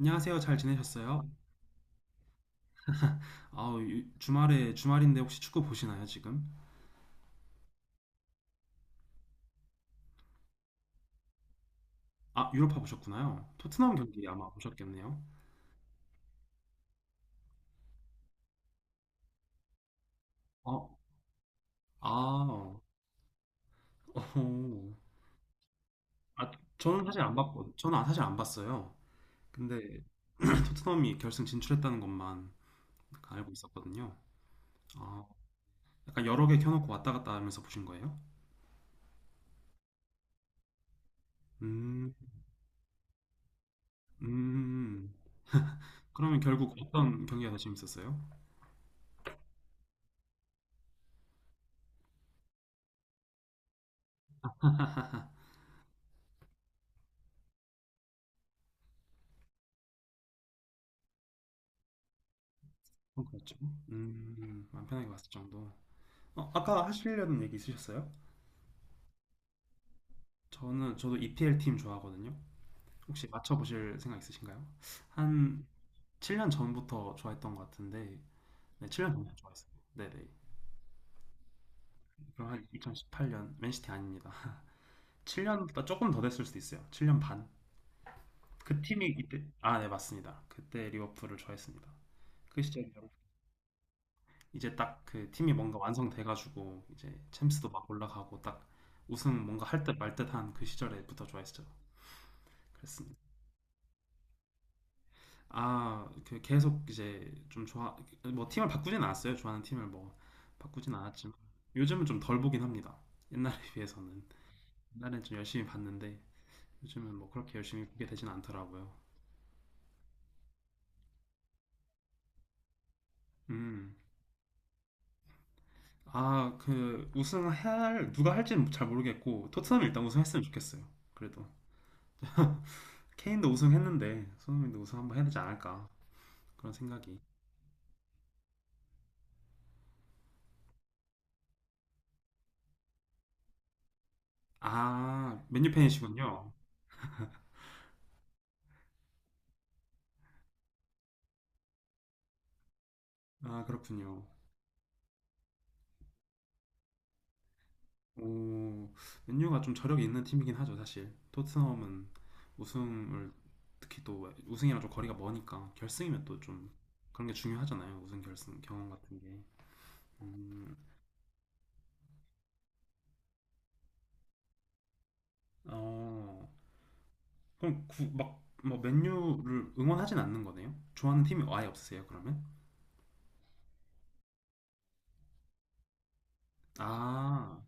안녕하세요. 잘 지내셨어요? 아, 주말에 주말인데 혹시 축구 보시나요, 지금? 아, 유로파 보셨구나요. 토트넘 경기 아마 보셨겠네요. 어, 아, 어, 어. 아, 저는 사실 안 봤고, 저는 사실 안 봤어요. 근데 토트넘이 결승 진출했다는 것만 알고 있었거든요. 아, 약간 여러 개 켜놓고 왔다 갔다 하면서 보신 거예요? 음, 음. 그러면 결국 어떤 경기가 더 재밌었어요? 어, 그렇죠. 마음 편하게 봤을 정도. 아까 하시려는 얘기 있으셨어요? 저는 저도 EPL 팀 좋아하거든요. 혹시 맞춰보실 생각 있으신가요? 한 7년 전부터 좋아했던 것 같은데, 네, 7년 전부터 좋아했어요. 네네. 그럼 한 2018년, 맨시티 아닙니다. 7년보다 조금 더 됐을 수도 있어요. 7년 반. 그 팀이 이때, 아, 네, 맞습니다. 그때 리버풀을 좋아했습니다. 그 시절에 이제 딱 그 팀이 뭔가 완성돼가지고, 이제 챔스도 막 올라가고, 딱 우승 뭔가 할 듯 말 듯한 그 시절에부터 좋아했죠. 그랬습니다. 그 계속 이제 좀 좋아, 뭐 팀을 바꾸진 않았어요. 좋아하는 팀을 뭐 바꾸진 않았지만 요즘은 좀 덜 보긴 합니다. 옛날에 비해서는. 옛날엔 좀 열심히 봤는데 요즘은 뭐 그렇게 열심히 보게 되진 않더라고요. 음, 그 우승할 누가 할지는 잘 모르겠고 토트넘이 일단 우승했으면 좋겠어요. 그래도 케인도 우승했는데 손흥민도 우승 한번 해야 되지 않을까 그런 생각이. 아, 맨유 팬이시군요. 아, 그렇군요. 오, 맨유가 좀 저력이 있는 팀이긴 하죠, 사실. 토트넘은 우승을 특히 또 우승이랑 좀 거리가 머니까 결승이면 또 좀 그런 게 중요하잖아요. 우승 결승 경험 같은 게. 음, 어, 그럼 막, 뭐 맨유를 응원하진 않는 거네요? 좋아하는 팀이 아예 없으세요, 그러면? 아,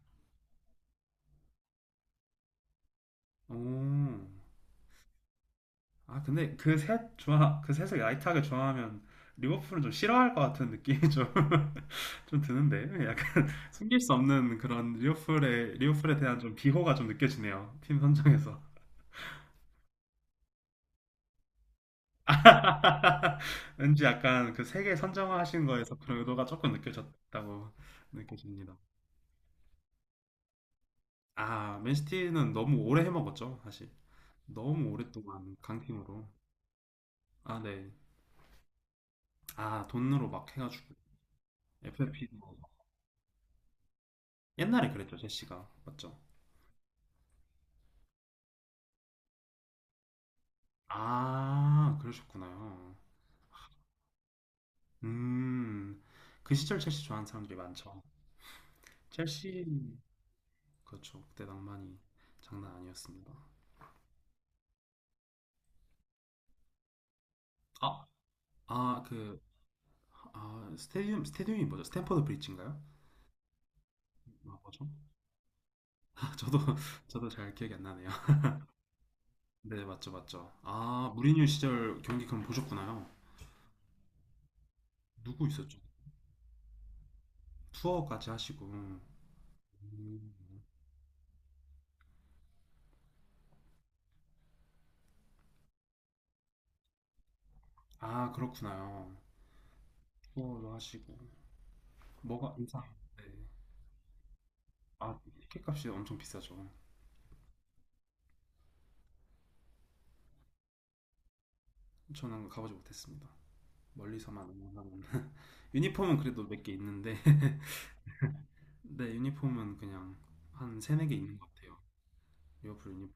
오. 아, 근데 그 셋을 라이트하게 좋아하면 리버풀은 좀 싫어할 것 같은 느낌이 좀, 좀 드는데, 숨길 수 없는 그런 리오플에 대한 좀 비호가 좀 느껴지네요. 팀 선정에서. 왠지 약간 그 세계 선정하신 거에서 그런 의도가 조금 느껴졌다고 느껴집니다. 아, 맨시티는 너무 오래 해먹었죠, 사실. 너무 오랫동안 강팀으로. 아, 네. 아, 돈으로 막 해가지고. FFP도. 옛날에 그랬죠, 제시가. 맞죠? 아, 그러셨구나요. 음, 그 시절 첼시 좋아하는 사람들이 많죠. 첼시 그렇죠. 그때 낭만이 장난 아니었습니다. 아, 아, 그, 스테디움이 뭐죠? 스탠퍼드 브리지인가요? 아, 뭐죠? 저도, 저도 잘 기억이 안 나네요. 네, 맞죠, 맞죠. 아, 무리뉴 시절 경기 그럼 보셨구나요? 누구 있었죠? 투어까지 하시고. 음, 아, 그렇구나요. 투어도 하시고. 뭐가, 인상. 네. 아, 티켓값이 엄청 비싸죠. 저는 가보지 못했습니다. 멀리서만 응원하는. 유니폼은 그래도 몇 개 있는데. 네, 유니폼은 그냥 한 세네 개 있는 것 같아요. 리버풀 유니폼.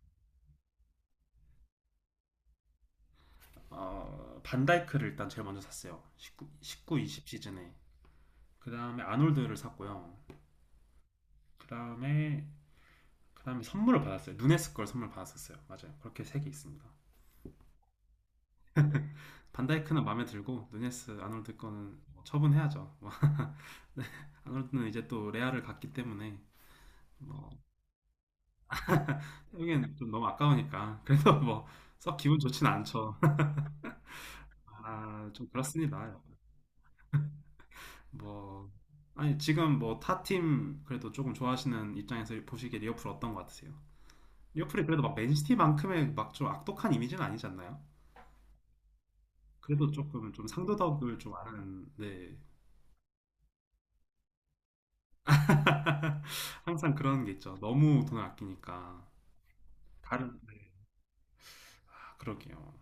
반다이크를 일단 제일 먼저 샀어요. 19, 19, 20 시즌에. 그 다음에 아놀드를 샀고요. 그 다음에, 그 다음에 선물을 받았어요. 누네스 걸 선물 받았었어요. 맞아요. 그렇게 세 개 있습니다. 반다이크는 마음에 들고, 누네스, 아놀드 거는 뭐 처분해야죠. 뭐 네, 아놀드는 이제 또 레알을 갔기 때문에, 뭐, 여기는 좀 너무 아까우니까. 그래서 뭐, 썩 기분 좋진 않죠. 아, 좀 그렇습니다. 뭐 아니 지금 뭐 타팀 그래도 조금 좋아하시는 입장에서 보시기에 리버풀 어떤 것 같으세요? 리버풀이 그래도 막 맨시티만큼의 막 좀 악독한 이미지는 아니지 않나요? 그래도 조금 좀 상도덕을 좀 아는 네 항상 그런 게 있죠. 너무 돈을 아끼니까 다른 아, 그러게요.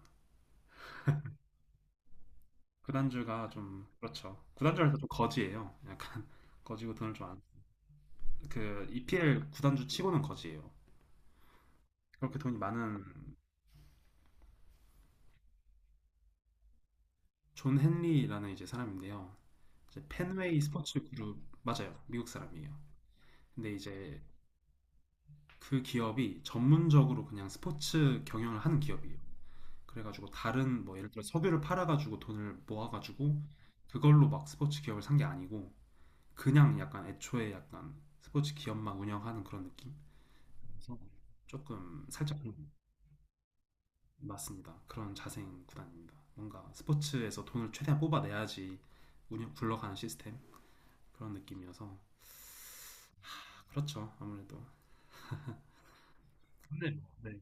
구단주가 좀 그렇죠. 구단주라서 좀 거지예요. 약간 거지고 돈을 좀안그 EPL 구단주 치고는 거지예요. 그렇게 돈이 많은 존 헨리라는 이제 사람인데요. 이제 펜웨이 스포츠 그룹 맞아요. 미국 사람이에요. 근데 이제 그 기업이 전문적으로 그냥 스포츠 경영을 하는 기업이에요. 그래가지고 다른 뭐 예를 들어 석유를 팔아가지고 돈을 모아가지고 그걸로 막 스포츠 기업을 산 게 아니고 그냥 약간 애초에 약간 스포츠 기업만 운영하는 그런 느낌? 그래서 조금 살짝 좀 맞습니다. 그런 자생 구단입니다. 뭔가 스포츠에서 돈을 최대한 뽑아내야지 운영 굴러가는 시스템 그런 느낌이어서 아, 그렇죠. 아무래도. 근데 뭐, 네.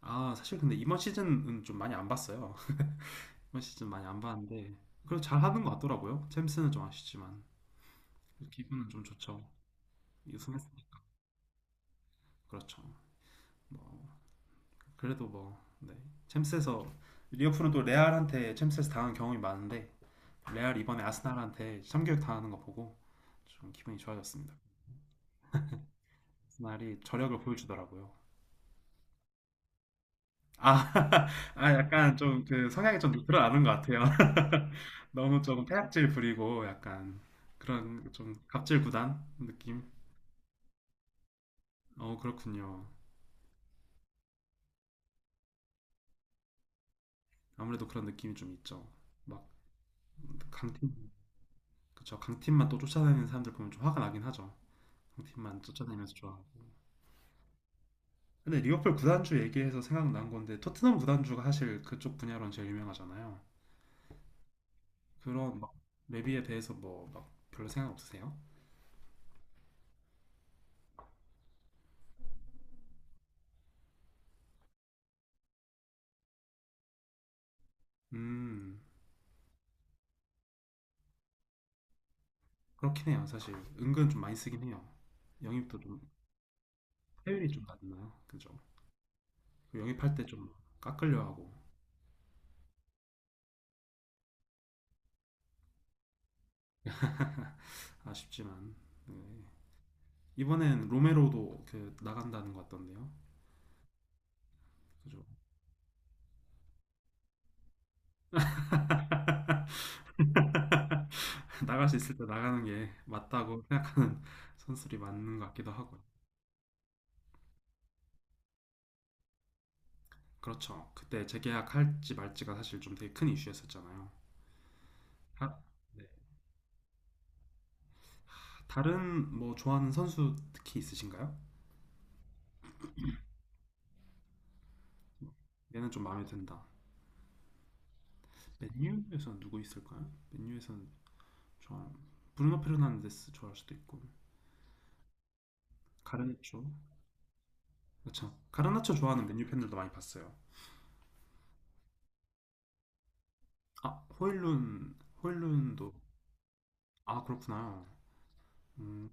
아, 사실 근데 이번 시즌은 좀 많이 안 봤어요. 이번 시즌 많이 안 봤는데 그래도 잘 하는 것 같더라고요. 챔스는 좀 아쉽지만 기분은 좀 좋죠. 우승했으니까 그렇죠. 뭐 그래도 뭐 네. 챔스에서 리버풀은 또 레알한테 챔스에서 당한 경험이 많은데 레알 이번에 아스날한테 참교육 당하는 거 보고 좀 기분이 좋아졌습니다. 아스날이 저력을 보여주더라고요. 아, 아 약간 좀 그 성향이 좀 드러나는 것 같아요. 너무 조금 폐악질 부리고 약간 그런 좀 갑질 구단 느낌? 어, 그렇군요. 아무래도 그런 느낌이 좀 있죠. 막 강팀, 그쵸. 강팀만 또 쫓아다니는 사람들 보면 좀 화가 나긴 하죠. 강팀만 쫓아다니면서 좋아하고. 근데 리버풀 구단주 얘기해서 생각난 건데 토트넘 구단주가 사실 그쪽 분야로는 제일 유명하잖아요. 그런 막 레비에 대해서 뭐 막 별로 생각 없으세요? 음, 그렇긴 해요. 사실 은근 좀 많이 쓰긴 해요. 영입도 좀 회율이 좀 낮나요? 그죠? 그 영입할 때 좀 깎으려 하고 아쉽지만 네. 이번엔 로메로도 그 나간다는 것 같던데요. 그죠? 나갈 수 있을 때 나가는 게 맞다고 생각하는 선수들이 맞는 것 같기도 하고요. 그렇죠. 그때 재계약할지 말지가 사실 좀 되게 큰 이슈였었잖아요. 다, 네. 다른 뭐 좋아하는 선수 특히 있으신가요? 얘는 좀 마음에 든다. 맨유에서는 누구 있을까요? 맨유에서는 좋아하는 브루노 페르난데스 좋아할 수도 있고 가르나초 그렇죠. 가르나초 좋아하는 맨유 팬들도 많이 봤어요. 아, 호일룬, 호일룬도, 아, 그렇구나. 음,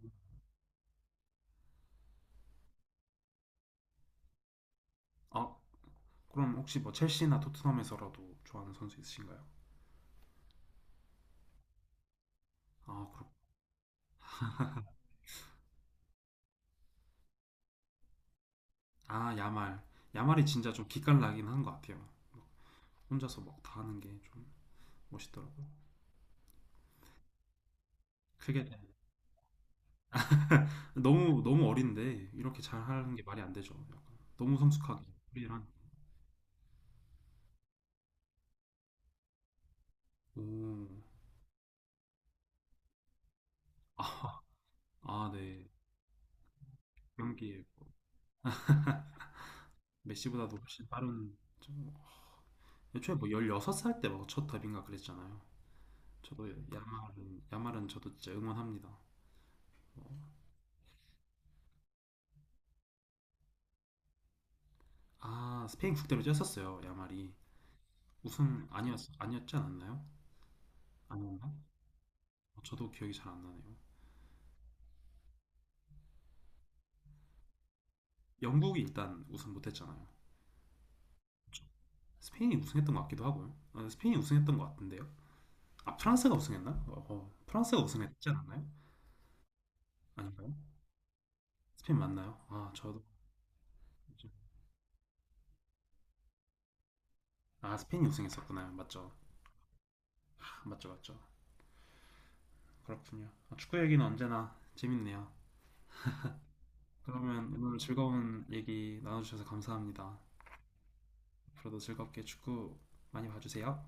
아, 그럼 혹시 뭐 첼시나 토트넘에서라도 좋아하는 선수 있으신가요? 아, 야말. 야말이 진짜 좀 기깔나긴 한 것 같아요. 혼자서 막 다 하는 게 좀 멋있더라고요. 그게 너무, 너무 어린데, 이렇게 잘 하는 게 말이 안 되죠. 약간. 너무 성숙하게, 프리한. 오, 아, 아, 네. 경기에 뭐 메시보다도 훨씬 빠른, 좀- 애초에 뭐 16살 때 막 첫 데뷔인가 그랬잖아요. 저도 야말은 저도 진짜 응원합니다. 어, 스페인 국대로 뛰었었어요 야말이 우승 아니었지 않았나요? 아니었나? 저도 기억이 잘 안 나네요. 영국이 일단 우승 못했잖아요. 스페인이 우승했던 것 같기도 하고요. 스페인이 우승했던 것 같은데요. 아 프랑스가 우승했나? 프랑스가 우승했지 않았나요? 아닌가요? 스페인 맞나요? 아 저도 아 스페인이 우승했었구나요. 맞죠? 아, 맞죠 맞죠. 그렇군요. 아, 축구 얘기는 언제나 재밌네요. 그러면 오늘 즐거운 얘기 나눠주셔서 감사합니다. 앞으로도 즐겁게 축구 많이 봐주세요.